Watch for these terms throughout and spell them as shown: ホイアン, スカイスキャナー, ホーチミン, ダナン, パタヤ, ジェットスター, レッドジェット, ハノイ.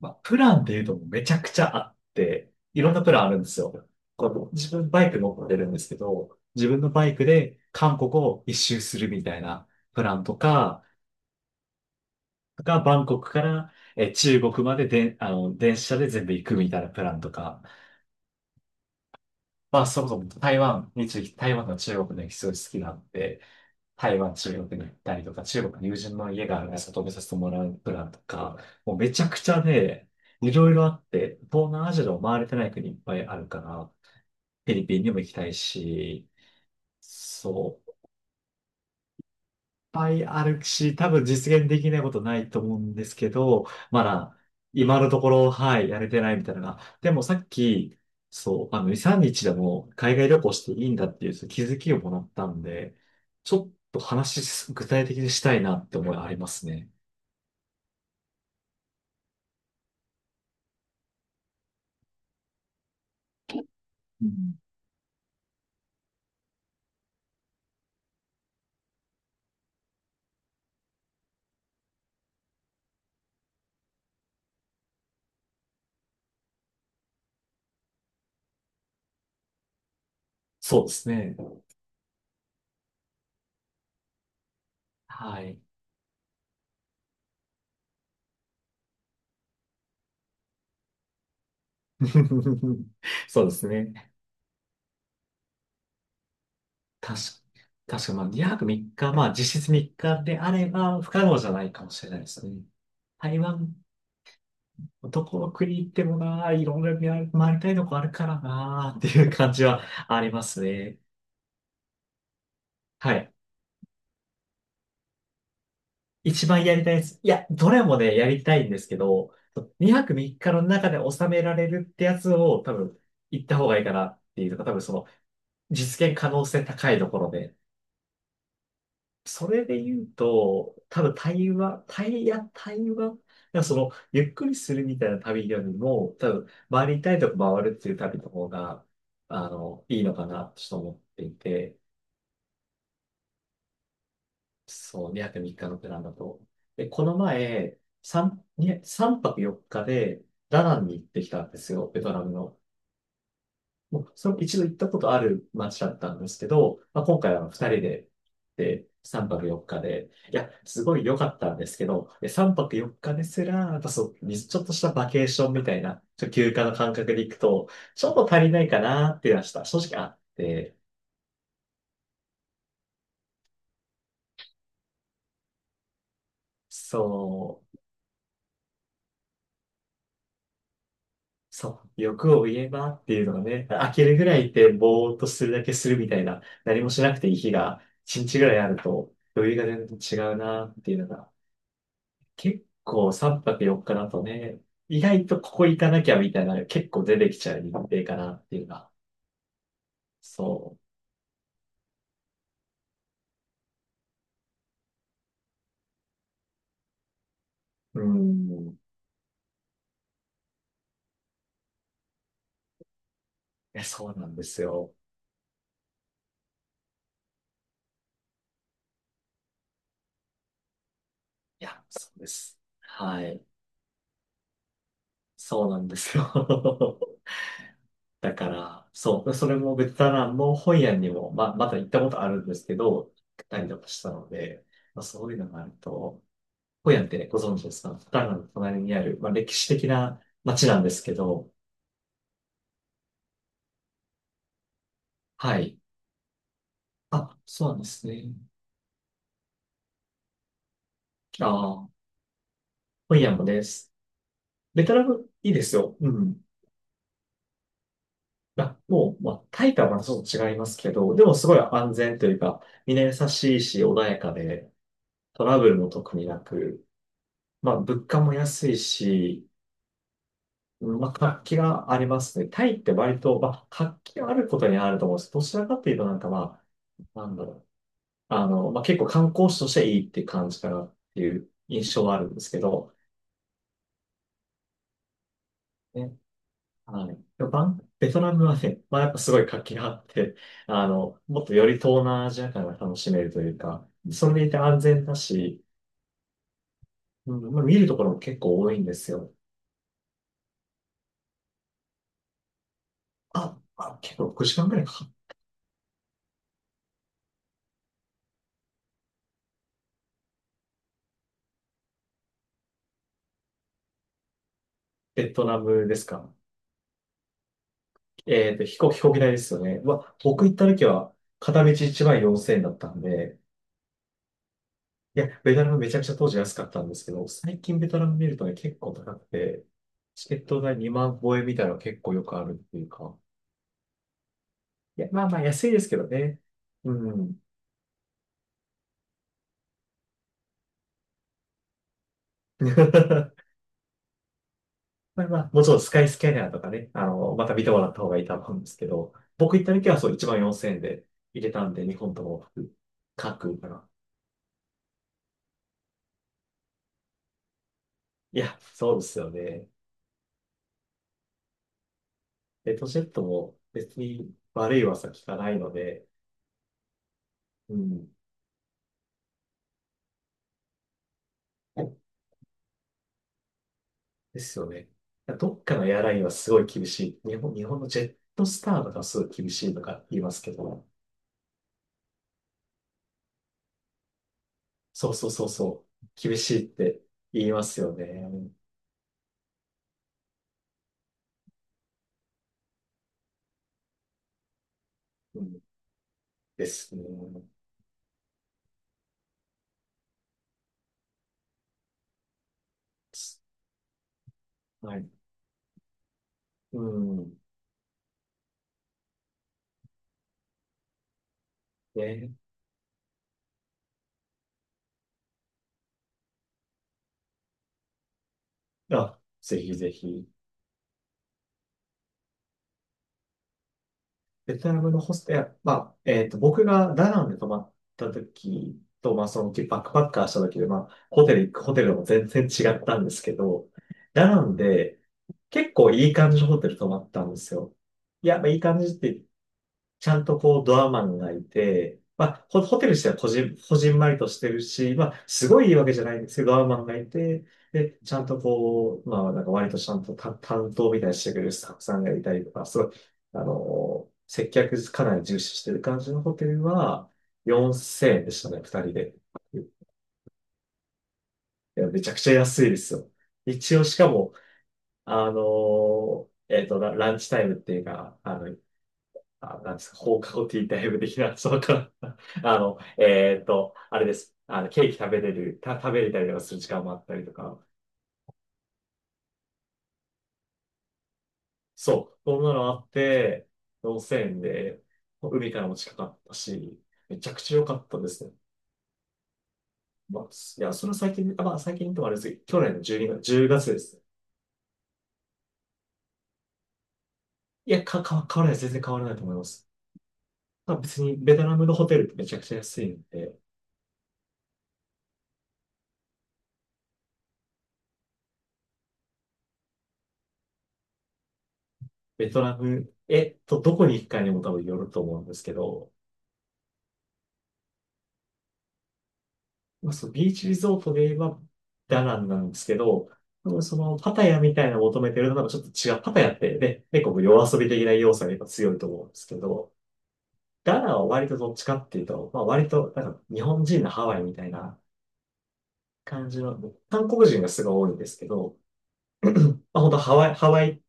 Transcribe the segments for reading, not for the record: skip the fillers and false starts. まあ、プランっていうとめちゃくちゃあって、いろんなプランあるんですよ。この自分バイク乗ってるんですけど、自分のバイクで韓国を一周するみたいなプランとか、がバンコクから中国までで、電車で全部行くみたいなプランとか、まあ、そもそも台湾について、台湾の中国の歴史が好きなんで、台湾、中国に行ったりとか、中国の友人の家があるので、外見させてもらうプランとか、もうめちゃくちゃね、いろいろあって、東南アジアでも回れてない国いっぱいあるから、フィリピンにも行きたいし、そうぱいあるし、多分実現できないことないと思うんですけど、まだ、今のところ、はい、やれてないみたいなのが。でもさっき、そう、2、3日でも海外旅行していいんだっていうその気づきをもらったんで、ちょっと話し、具体的にしたいなって思いありますね。うん、そうですね。はい。そうですね。確確か、まあ、2泊3日、まあ、実質3日であれば、不可能じゃないかもしれないですね。台湾どこの国行ってもないろんな回り回りたいとこあるからなっていう感じはありますね。はい。一番やりたいです。いや、どれもね、やりたいんですけど、2泊3日の中で収められるってやつを多分行った方がいいかなっていうのが多分その実現可能性高いところで、それで言うと、多分対話、対、いや、対話、いやその、ゆっくりするみたいな旅よりも、多分、回りたいとこ回るっていう旅の方が、いいのかな、と思っていて、そう、2泊3日のプランだと。で、この前、3泊4日で、ダナンに行ってきたんですよ、ベトナムの。もうその一度行ったことある街だったんですけど、まあ、今回は二人で、で、3泊4日で、いや、すごい良かったんですけど、で3泊4日ですら、やっぱそう、ちょっとしたバケーションみたいな、ちょっと休暇の感覚で行くと、ちょっと足りないかなっていうのはした正直あって、そう、そう、欲を言えばっていうのがね、飽きるぐらいって、ぼーっとするだけするみたいな、何もしなくていい日が、1日ぐらいあると、余裕が全然違うなっていうのが、結構3泊4日だとね、意外とここ行かなきゃみたいなのが結構出てきちゃう日程かなっていうか、そう。うん。いや、そうなんですよ。いや、そうです。はい。そうなんですよ。だから、そう。それもベトナムもホイアンにも、まだ行ったことあるんですけど、行ったりとかしたので、まあ、そういうのがあると、ホイアンってね、ご存知ですか？ベトナムの隣にある、まあ、歴史的な街なんですけど、はい。あ、そうなんですね。ああ、本屋もです。ベトナムいいですよ。うん。あ、もう、まあ、タイとはまたちょっと違いますけど、でもすごい安全というか、みんな優しいし、穏やかで、トラブルも特になく、まあ、物価も安いし、うん、まあ、活気がありますね。タイって割と、まあ、活気があることにあると思うんですけど、どちらかというと、なんかまあ、なんだろう。まあ、結構観光地としていいっていう感じかなっていう印象はあるんですけどね。はい。でもベトナムはね、まあやっぱすごい活気があって、もっとより東南アジア感が楽しめるというか、それでいて安全だし、うん、まあ見るところも結構多いんですよ。あ、あ、結構6時間くらいかかっ。ベトナムですか？飛行機代ですよね。うわ、僕行った時は片道1万4000円だったんで、いや、ベトナムめちゃくちゃ当時安かったんですけど、最近ベトナム見るとね、結構高くて、チケット代2万超えみたいなの結構よくあるっていうか、いや、まあまあ安いですけどね。うん。まあまあ、もちろんスカイスキャナーとかね、また見てもらった方がいいと思うんですけど、僕行った時はそう1万4000円で入れたんで、日本とも各国かな。いや、そうですよね。レッドジェットも別に悪い噂聞かないので、うん。ですよね。どっかのエアラインはすごい厳しい。日本のジェットスターとかすごい厳しいとか言いますけど、そうそうそうそう、厳しいって言いますよね。うん、ですね。はい。うん。で、あ、ぜひぜひ。ベトナムのホステル、まあ、僕がダナンで泊まった時と、まあ、その、バックパッカーした時で、まあ、ホテルでも全然違ったんですけど、ダナンで結構いい感じのホテル泊まったんですよ。いや、まあ、いい感じってちゃんとこうドアマンがいて、まあ、ホテル自体はこじんまりとしてるし、まあ、すごいいいわけじゃないんですけど、ドアマンがいて、で、ちゃんとこう、まあ、なんか割とちゃんとた担当みたいにしてくれるスタッフさんがいたりとか、すごい、接客かなり重視してる感じのホテルは、4000円でしたね、二人で。いや、めちゃくちゃ安いですよ。一応、しかも、ラランチタイムっていうか、あ、なんですか、放課後ティータイム的な、そうか。あれです。ケーキ食べれる、食べれたりとかする時間もあったりとか。そう、そんなのあって、温泉で、海からも近かったし、めちゃくちゃ良かったですね。まあ、いや、それは最近、あまあ、最近ともあれですけど、去年の12月、1ですね。いや、変わらない、全然変わらないと思います。まあ、別に、ベトナムのホテルってめちゃくちゃ安いんで、ベトナム、どこに行くかにも多分よると思うんですけど、まあ、そうビーチリゾートで言えばダナンなんですけど、多分そのパタヤみたいなのを求めてるのとなんかちょっと違う。パタヤってね、結構夜遊び的な要素がやっぱ強いと思うんですけど、ダナンは割とどっちかっていうと、まあ割となんか日本人のハワイみたいな感じの、韓国人がすごい多いんですけど、まあ本当ハワイ、ハワイ、い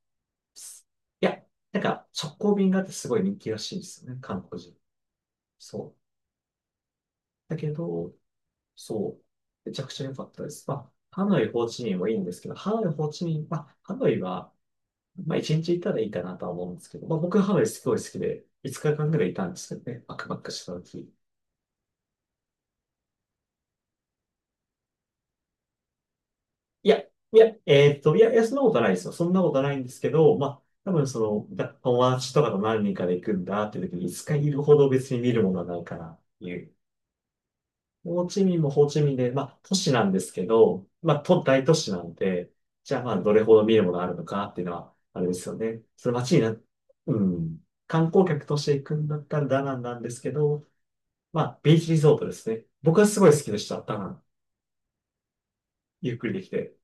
や、なんか直行便があってすごい人気らしいんですよね、韓国人。そう。だけど、そう。めちゃくちゃ良かったです。まあ、ハノイ、ホーチミンもいいんですけど、ハノイ、ホーチミン、まあ、ハノイは、まあ、一日行ったらいいかなとは思うんですけど、まあ、僕はハノイすごい好きで、5日間ぐらいいたんですよね。バックパックした時。いや、いそんなことないですよ。そんなことないんですけど、まあ、多分その、友達とかと何人かで行くんだっていう時に5日いるほど別に見るものはないかなっていう。ホーチミンもホーチミンで、まあ、都市なんですけど、まあ、大都市なんで、じゃあ、まあ、どれほど見るものがあるのかっていうのは、あれですよね。その街にな、うん、観光客として行くんだったらダナンなんですけど、まあ、ビーチリゾートですね。僕はすごい好きでした、ダナン。ゆっくりできて。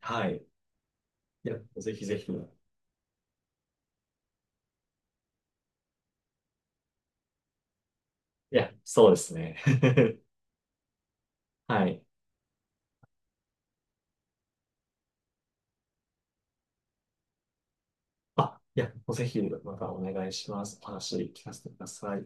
はい。いや、ぜひぜひ。いや、そうですね。はい。あ、いや、ぜひ、またお願いします。お話聞かせてください。